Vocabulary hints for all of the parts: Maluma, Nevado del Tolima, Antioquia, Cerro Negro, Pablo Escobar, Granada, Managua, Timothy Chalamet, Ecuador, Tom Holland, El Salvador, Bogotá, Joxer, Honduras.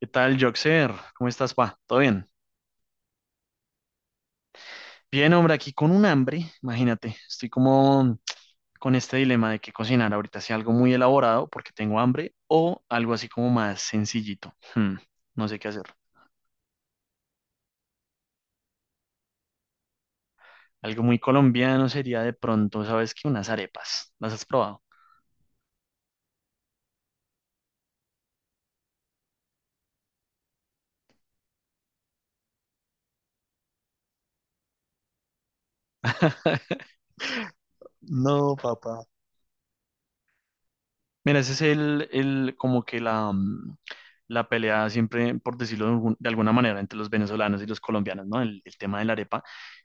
¿Qué tal, Joxer? ¿Cómo estás, pa? ¿Todo bien? Bien, hombre, aquí con un hambre, imagínate, estoy como con este dilema de qué cocinar ahorita, si algo muy elaborado porque tengo hambre o algo así como más sencillito. No sé qué hacer. Algo muy colombiano sería de pronto, ¿sabes qué? Unas arepas. ¿Las has probado? No, papá. Mira, ese es el como que la la pelea siempre, por decirlo de de alguna manera, entre los venezolanos y los colombianos, ¿no? El tema de la arepa.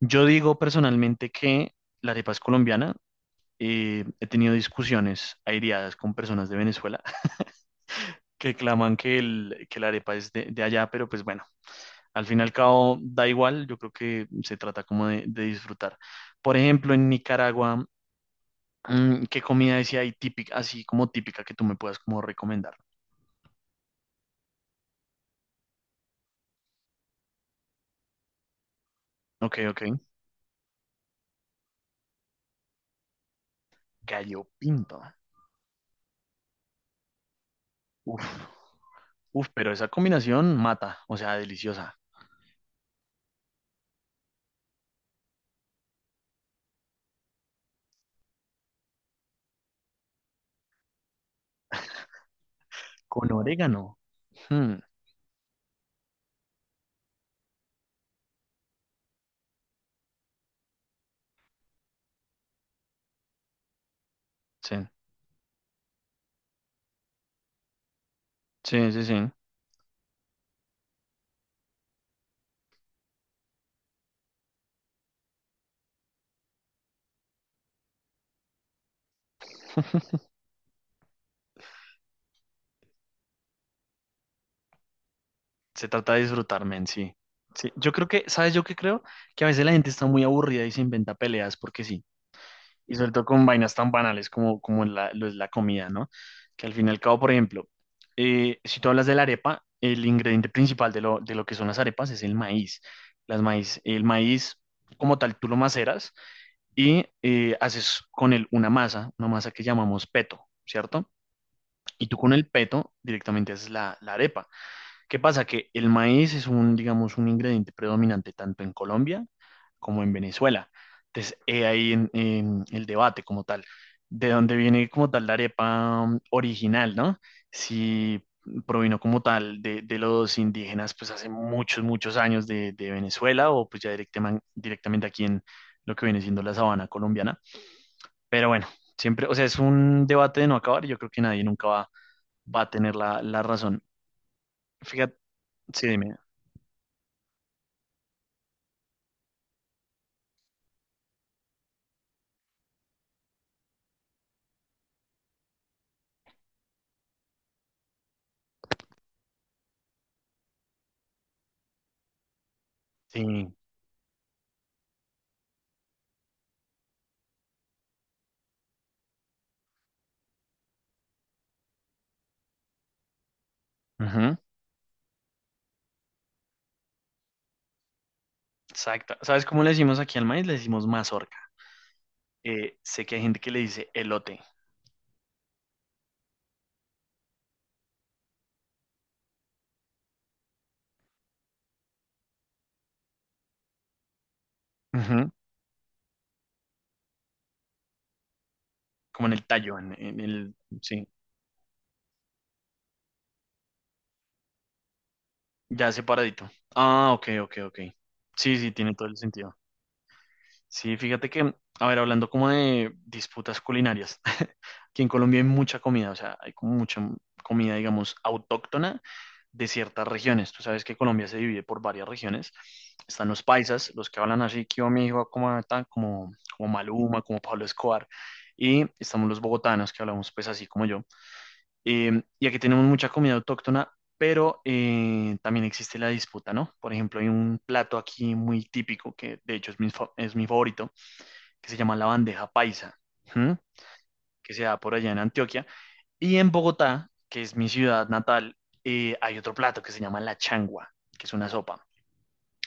Yo digo personalmente que la arepa es colombiana. He tenido discusiones aireadas con personas de Venezuela que claman que la arepa es de allá, pero pues bueno, al fin y al cabo da igual, yo creo que se trata como de disfrutar. Por ejemplo, en Nicaragua, ¿qué comida decía ahí típica, así como típica que tú me puedas como recomendar? Ok, ok. Gallo pinto. Uf, uf, pero esa combinación mata, o sea, deliciosa. Con orégano. Hmm, sí, sí, sí, sí. Se trata de disfrutar, men, sí. Sí, yo creo que, ¿sabes yo qué creo? Que a veces la gente está muy aburrida y se inventa peleas porque sí. Y sobre todo con vainas tan banales como la, lo es la comida, ¿no? Que al fin y al cabo, por ejemplo, si tú hablas de la arepa, el ingrediente principal de de lo que son las arepas es el maíz. Las maíz, el maíz, como tal, tú lo maceras y haces con él una masa que llamamos peto, ¿cierto? Y tú con el peto directamente haces la arepa. ¿Qué pasa? Que el maíz es un, digamos, un ingrediente predominante tanto en Colombia como en Venezuela. Entonces, he ahí en el debate como tal, de dónde viene como tal la arepa original, ¿no? Si provino como tal de los indígenas, pues hace muchos, muchos años de Venezuela o pues ya directamente aquí en lo que viene siendo la sabana colombiana, pero bueno, siempre, o sea, es un debate de no acabar y yo creo que nadie nunca va a tener la razón. Fíjate, sí, dime. Sí. Ujú. Exacto. ¿Sabes cómo le decimos aquí al maíz? Le decimos mazorca. Sé que hay gente que le dice elote, ujú, como en el tallo, en el, sí, ya separadito. Ah, ok, ok, ok. Sí, sí, tiene todo el sentido. Sí, fíjate que, a ver, hablando como de disputas culinarias, aquí en Colombia hay mucha comida, o sea, hay como mucha comida, digamos, autóctona de ciertas regiones. Tú sabes que Colombia se divide por varias regiones. Están los paisas, los que hablan así, que yo me digo como como Maluma, como Pablo Escobar. Y estamos los bogotanos, que hablamos pues así como yo. Y aquí tenemos mucha comida autóctona, pero también existe la disputa, ¿no? Por ejemplo, hay un plato aquí muy típico, que de hecho es es mi favorito, que se llama la bandeja paisa, ¿m?, que se da por allá en Antioquia. Y en Bogotá, que es mi ciudad natal, hay otro plato que se llama la changua, que es una sopa.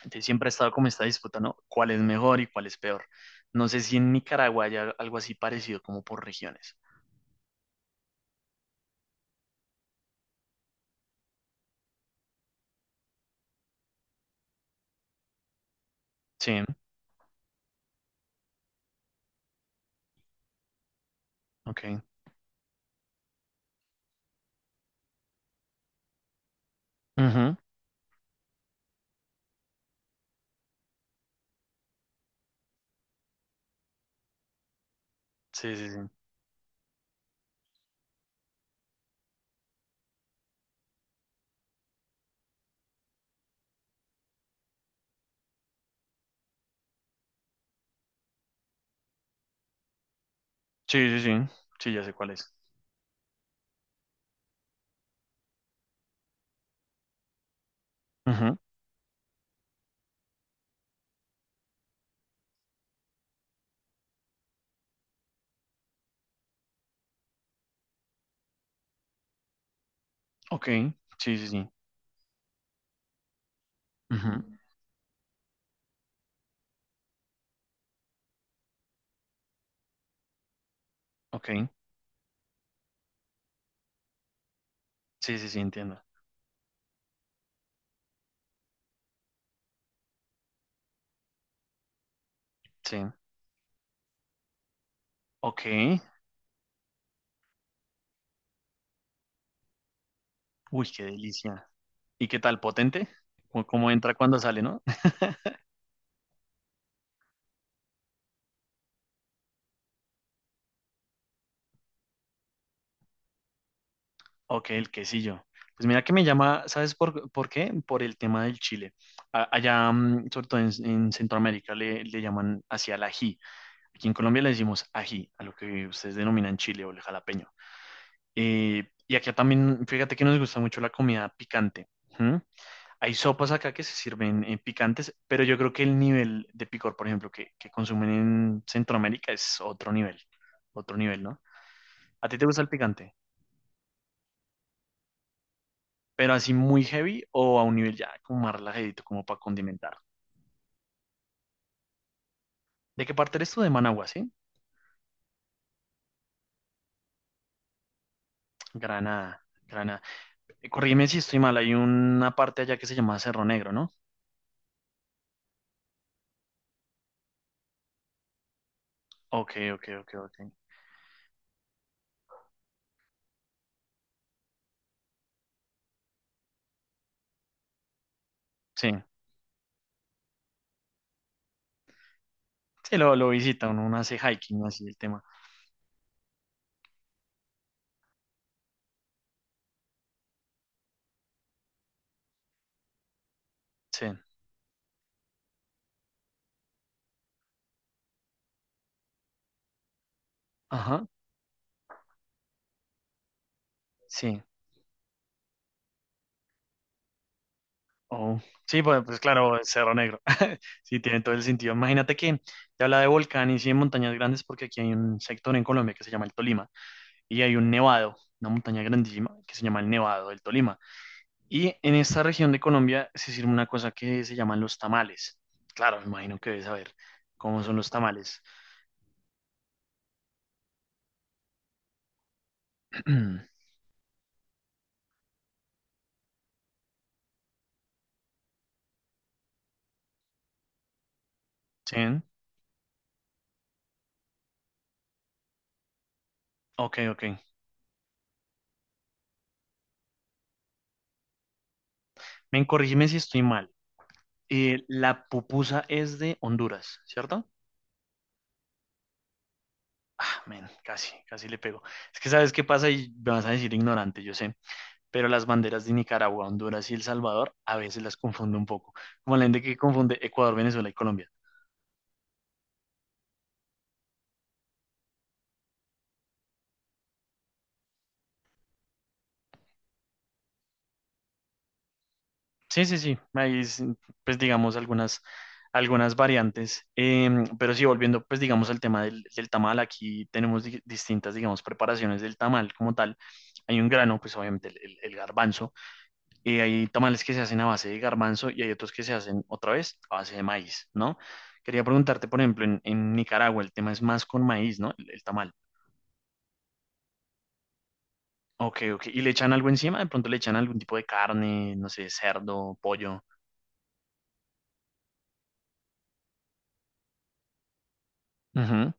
Entonces siempre ha estado como esta disputa, ¿no? ¿Cuál es mejor y cuál es peor? No sé si en Nicaragua hay algo así parecido como por regiones. Sí, ok. Ujú. Sí, sí, sí. Sí, sí, sí. Sí, ya sé cuál es. Ujú. Ok. Sí, sí, sí. Ujú. Ok. Sí, sí, sí, entiendo. Sí. Ok. Uy, qué delicia. ¿Y qué tal? ¿Potente? ¿Cómo, cómo entra cuando sale, no? Ok, el quesillo. Pues mira que me llama, ¿sabes por qué? Por el tema del chile. Allá, sobre todo en Centroamérica, le llaman hacia el ají. Aquí en Colombia le decimos ají, a lo que ustedes denominan chile o el jalapeño. Y acá también, fíjate que nos gusta mucho la comida picante. ¿Mm? Hay sopas acá que se sirven picantes, pero yo creo que el nivel de picor, por ejemplo, que consumen en Centroamérica es otro nivel, ¿no? ¿A ti te gusta el picante? Pero así muy heavy o a un nivel ya como más relajadito, como para condimentar. ¿De qué parte eres tú? De Managua, ¿sí? Granada, Granada. Corrígeme si estoy mal, hay una parte allá que se llama Cerro Negro, ¿no? Ok, ok, ok, ok. Sí, sí, lo visita, uno hace hiking, así el tema. Sí, ajá, sí. Oh. Sí, pues, pues claro, Cerro Negro. Sí, tiene todo el sentido. Imagínate que te habla de volcanes y de montañas grandes porque aquí hay un sector en Colombia que se llama el Tolima y hay un nevado, una montaña grandísima que se llama el Nevado del Tolima. Y en esta región de Colombia se sirve una cosa que se llaman los tamales. Claro, me imagino que debes saber cómo son los tamales. ¿Sí? Ok, ok. Men, corrígeme si estoy mal. La pupusa es de Honduras, ¿cierto? Ah, men, casi, casi le pego. Es que sabes qué pasa y me vas a decir ignorante, yo sé. Pero las banderas de Nicaragua, Honduras y El Salvador a veces las confundo un poco. Como la gente que confunde Ecuador, Venezuela y Colombia. Sí, sí, sí, ahí es, pues digamos algunas, algunas variantes. Pero sí, volviendo pues digamos al tema del tamal, aquí tenemos distintas digamos preparaciones del tamal como tal, hay un grano, pues obviamente el garbanzo, y hay tamales que se hacen a base de garbanzo y hay otros que se hacen otra vez a base de maíz, ¿no? Quería preguntarte, por ejemplo, en Nicaragua el tema es más con maíz, ¿no? El tamal. Ok, ok, ¿y le echan algo encima? De pronto le echan algún tipo de carne, no sé, cerdo, pollo. Ujú,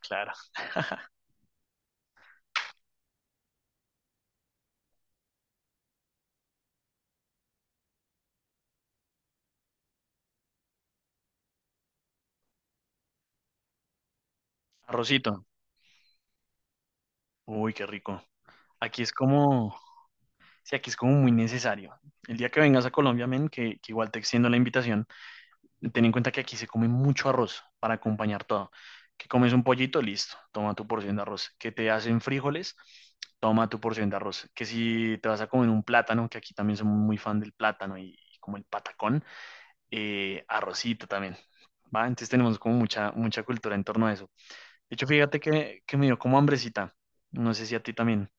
claro, arrocito. Uy, qué rico. Aquí es como, sí, aquí es como muy necesario. El día que vengas a Colombia, men, que igual te extiendo la invitación, ten en cuenta que aquí se come mucho arroz para acompañar todo. Que comes un pollito, listo, toma tu porción de arroz. Que te hacen frijoles, toma tu porción de arroz. Que si te vas a comer un plátano, que aquí también somos muy fan del plátano y como el patacón, arrocito también. ¿Va? Entonces tenemos como mucha, mucha cultura en torno a eso. De hecho, fíjate que me dio como hambrecita. No sé si a ti también.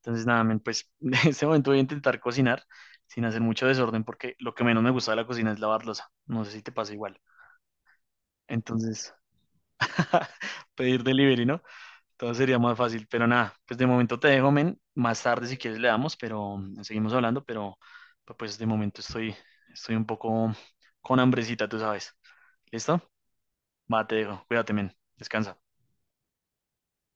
Entonces, nada, men, pues en este momento voy a intentar cocinar sin hacer mucho desorden porque lo que menos me gusta de la cocina es lavar loza. No sé si te pasa igual. Entonces, pedir delivery, ¿no? Todo sería más fácil, pero nada, pues de momento te dejo, men. Más tarde si quieres le damos, pero seguimos hablando, pero pues de momento estoy, estoy un poco con hambrecita, tú sabes. ¿Listo? Va, te dejo. Cuídate, men. Descansa.